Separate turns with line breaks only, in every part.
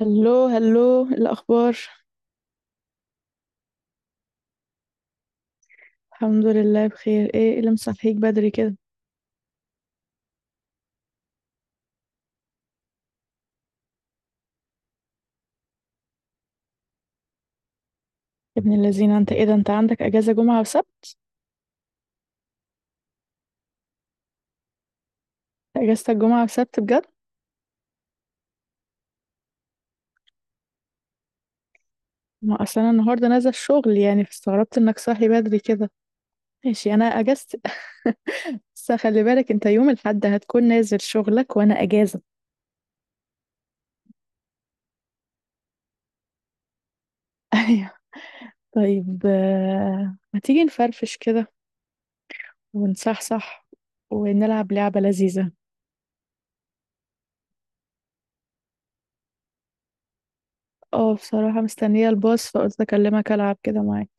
هلو هلو، إيه الاخبار؟ الحمد لله بخير. ايه اللي مصحيك بدري كده؟ يا ابن اللذينه، انت ايه ده، انت عندك اجازه جمعه وسبت؟ اجازتك جمعه وسبت بجد؟ ما اصل انا النهارده نازله الشغل يعني، فاستغربت انك صاحي بدري كده. ماشي، انا اجازتي. بس خلي بالك، انت يوم الاحد هتكون نازل شغلك وانا اجازه. ايوه. طيب ما تيجي نفرفش كده ونصحصح ونلعب لعبه لذيذه. اه بصراحه مستنيه الباص فقلت اكلمك العب كده معاك.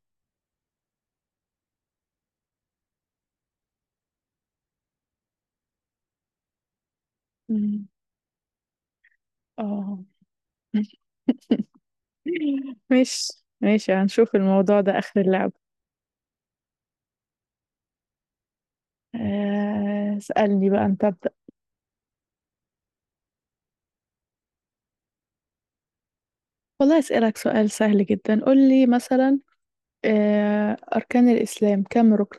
مم. اه. ماشي ماشي، هنشوف الموضوع ده آخر اللعبة. اسألني بقى أنت، أبدأ. والله أسألك سؤال سهل جدا، قول لي مثلا أركان الإسلام كم ركن؟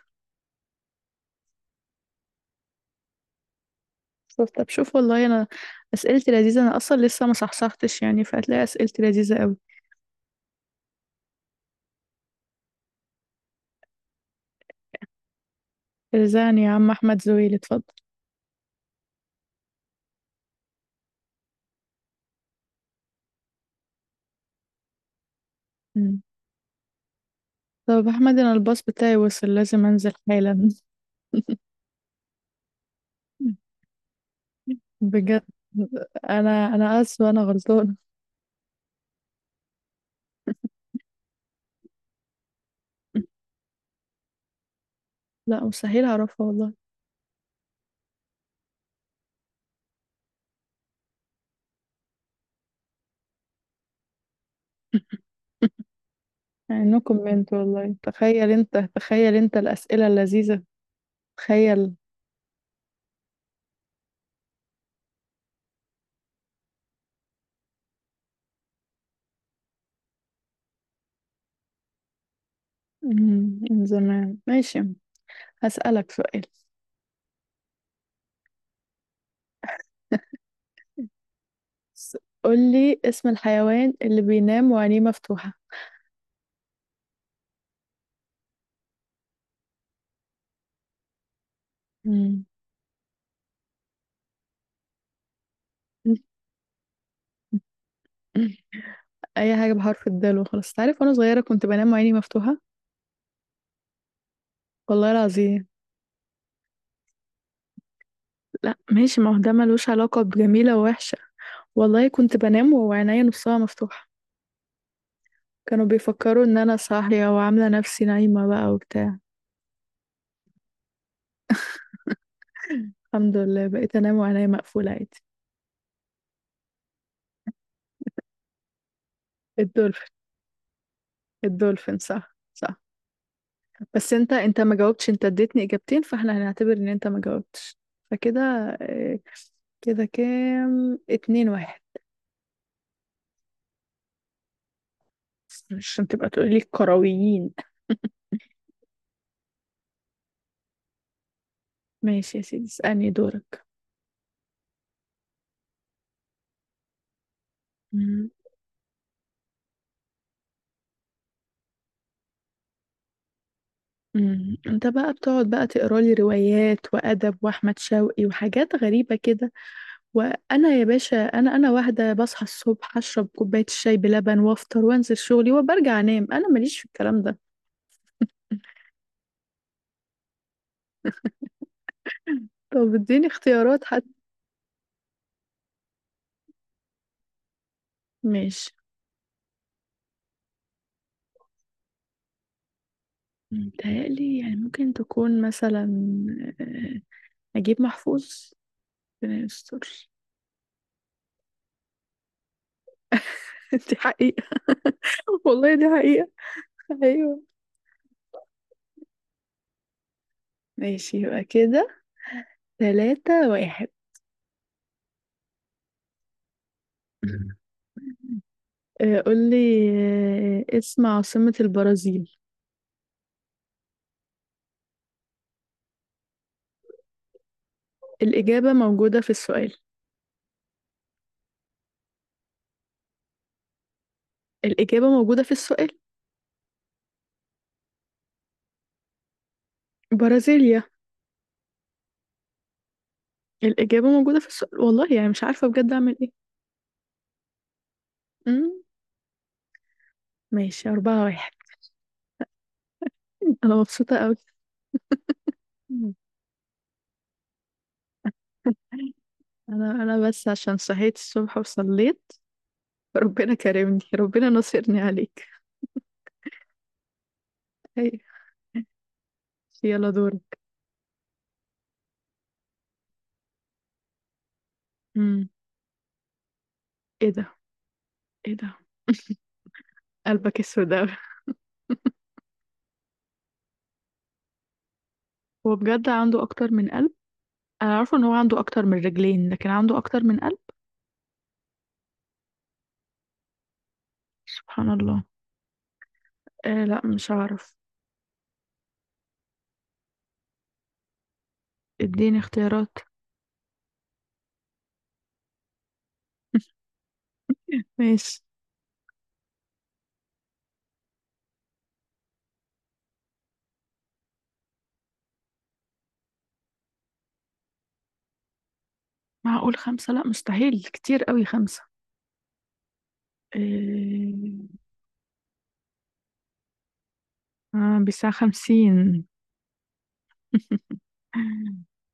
شوف طب شوف، والله أنا أسئلتي لذيذة. أنا أصلا لسه ما صحصحتش يعني، فهتلاقي أسئلتي لذيذة أوي. رزقني يا عم أحمد زويل، اتفضل. مم. طب أحمد، أنا الباص بتاعي وصل، لازم أنزل حالا. بجد. أنا آسفة، أنا غلطانة. لا مستحيل أعرفها والله. نو كومنت، والله تخيل انت، تخيل انت الأسئلة اللذيذة. تخيل. من زمان، ماشي. هسألك سؤال. س- قولي اسم الحيوان اللي بينام وعينيه مفتوحة. مم. أي حاجة بحرف الدال وخلاص تعرف، وأنا صغيرة كنت بنام وعيني مفتوحة. والله العظيم. لا ماشي، ما هو ده ملوش علاقة بجميلة ووحشة. والله كنت بنام وعينيا نصها مفتوحة. كانوا بيفكروا إن أنا صاحية وعاملة نفسي نايمة بقى وبتاع. الحمد لله بقيت أنام وعينيا مقفولة عادي. الدولفين. الدولفين، صح صح. بس انت ما جاوبتش، انت اديتني اجابتين فاحنا هنعتبر ان انت ما جاوبتش، فكده آه، كده كام، 2-1، عشان تبقى تقولي الكرويين. ماشي يا سيدي، اسألني دورك. مم. مم. انت بقى بتقعد بقى تقرا لي روايات وادب واحمد شوقي وحاجات غريبه كده. وانا يا باشا، انا واحده بصحى الصبح اشرب كوبايه الشاي بلبن وافطر وانزل شغلي وبرجع انام، انا ماليش في الكلام ده. طب اديني اختيارات. ماشي. متهيألي يعني ممكن تكون مثلا آه، نجيب محفوظ. ربنا يستر. دي حقيقة. والله دي حقيقة. أيوة. ماشي يبقى كده، 3-1. قولي اسم عاصمة البرازيل. الإجابة موجودة في السؤال. الإجابة موجودة في السؤال. برازيليا. الإجابة موجودة في السؤال، والله يعني مش عارفة بجد أعمل إيه. أمم. ماشي، 4-1. أنا مبسوطة أوي. انا بس عشان صحيت الصبح وصليت، ربنا كرمني، ربنا نصرني عليك. اي. يلا دورك. امم. ايه ده، ايه ده، قلبك اسود اوي. هو بجد عنده اكتر من قلب؟ انا عارفه ان هو عنده اكتر من رجلين، لكن عنده اكتر من قلب؟ سبحان الله. آه لا، مش هعرف. اديني اختيارات. ماشي. معقول خمسة؟ لا مستحيل، كتير قوي خمسة. آه, بساعة 50.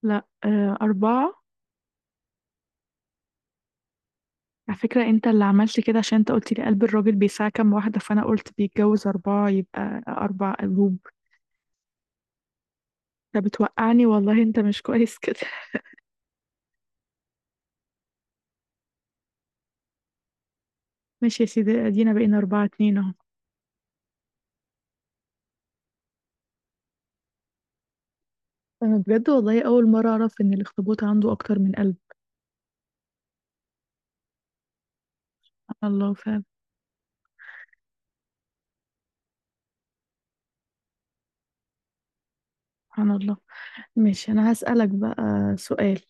لا أربعة. على فكرة انت اللي عملت كده، عشان انت قلت لي قلب الراجل بيساع كام واحدة، فانا قلت بيتجوز اربعة يبقى اربع قلوب. انت بتوقعني، والله انت مش كويس كده. ماشي يا سيدي، ادينا بقينا 4-2 اهو. انا بجد والله، اول مرة اعرف ان الاخطبوط عنده اكتر من قلب. سبحان الله فعلا. سبحان الله. ماشي، انا هسألك بقى سؤال.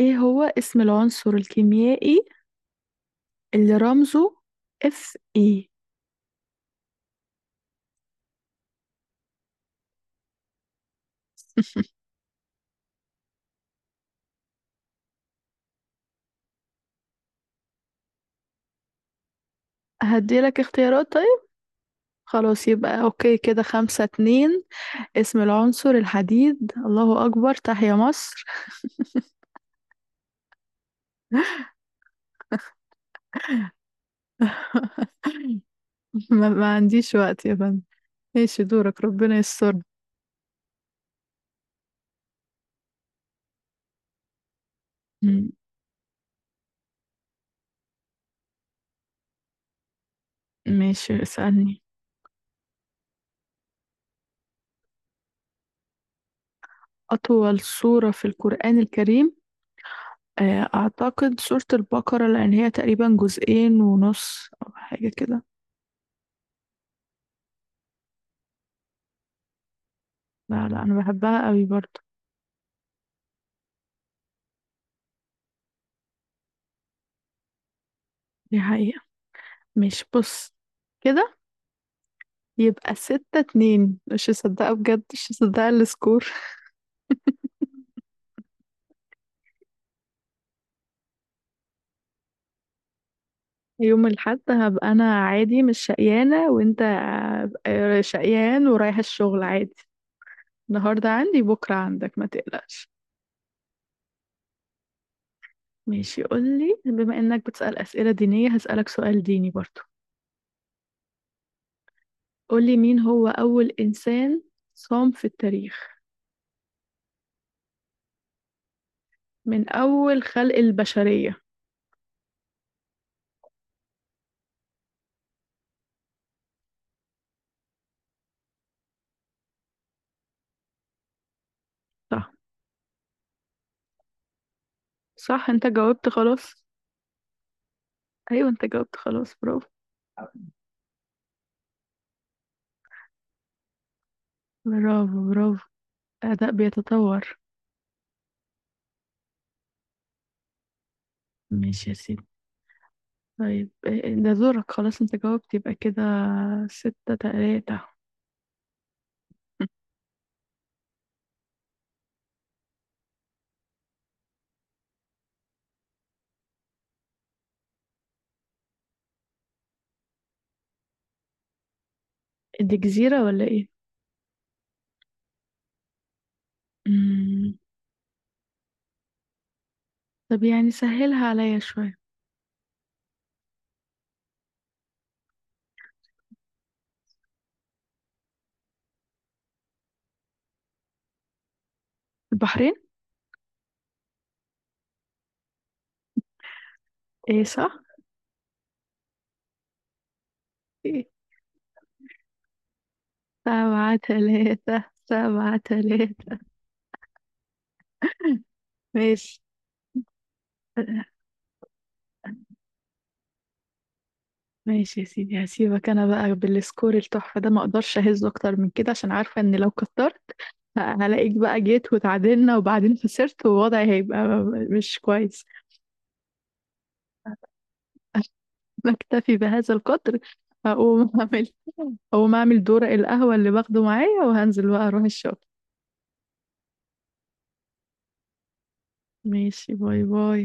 ايه هو اسم العنصر الكيميائي اللي رمزه اف اي؟ هديلك اختيارات طيب. خلاص يبقى اوكي، كده 5-2. اسم العنصر الحديد، الله أكبر، تحيا مصر. ما عنديش وقت يا فندم. ماشي دورك، ربنا يستر. م- ماشي اسألني. أطول سورة في القرآن الكريم؟ أعتقد سورة البقرة، لأن هي تقريبا جزئين ونص أو حاجة كده. لا لا، أنا بحبها قوي برضو. دي حقيقة. ماشي، بص كده، يبقى 6-2. مش مصدقة بجد، مش مصدقة السكور. يوم الأحد هبقى أنا عادي مش شقيانة، وأنت شقيان ورايح الشغل عادي. النهاردة عندي بكرة عندك، ما تقلقش. ماشي، قولي بما إنك بتسأل أسئلة دينية هسألك سؤال ديني برضو. قولي مين هو أول إنسان صام في التاريخ من أول خلق البشرية. صح. صح، أنت جاوبت خلاص. أيوة، أنت جاوبت خلاص، برافو. برافو برافو. أداء بيتطور. ماشي يا سيدي. طيب ده دورك خلاص، أنت جاوبت، يبقى كده 6-3. دي جزيرة ولا ايه؟ مم. طب يعني سهلها عليا شوية. البحرين؟ ايه صح؟ إيه؟ 7-3، 7-3. ماشي. ماشي يا سيدي، هسيبك انا بقى بالسكور التحفة ده، ما اقدرش اهز اكتر من كده عشان عارفة ان لو كترت هلاقيك بقى جيت وتعادلنا وبعدين خسرت ووضعي هيبقى مش كويس. بكتفي بهذا القدر. هقوم اعمل هقوم اعمل دورق القهوة اللي باخده معايا وهنزل بقى اروح الشغل. ماشي، باي باي.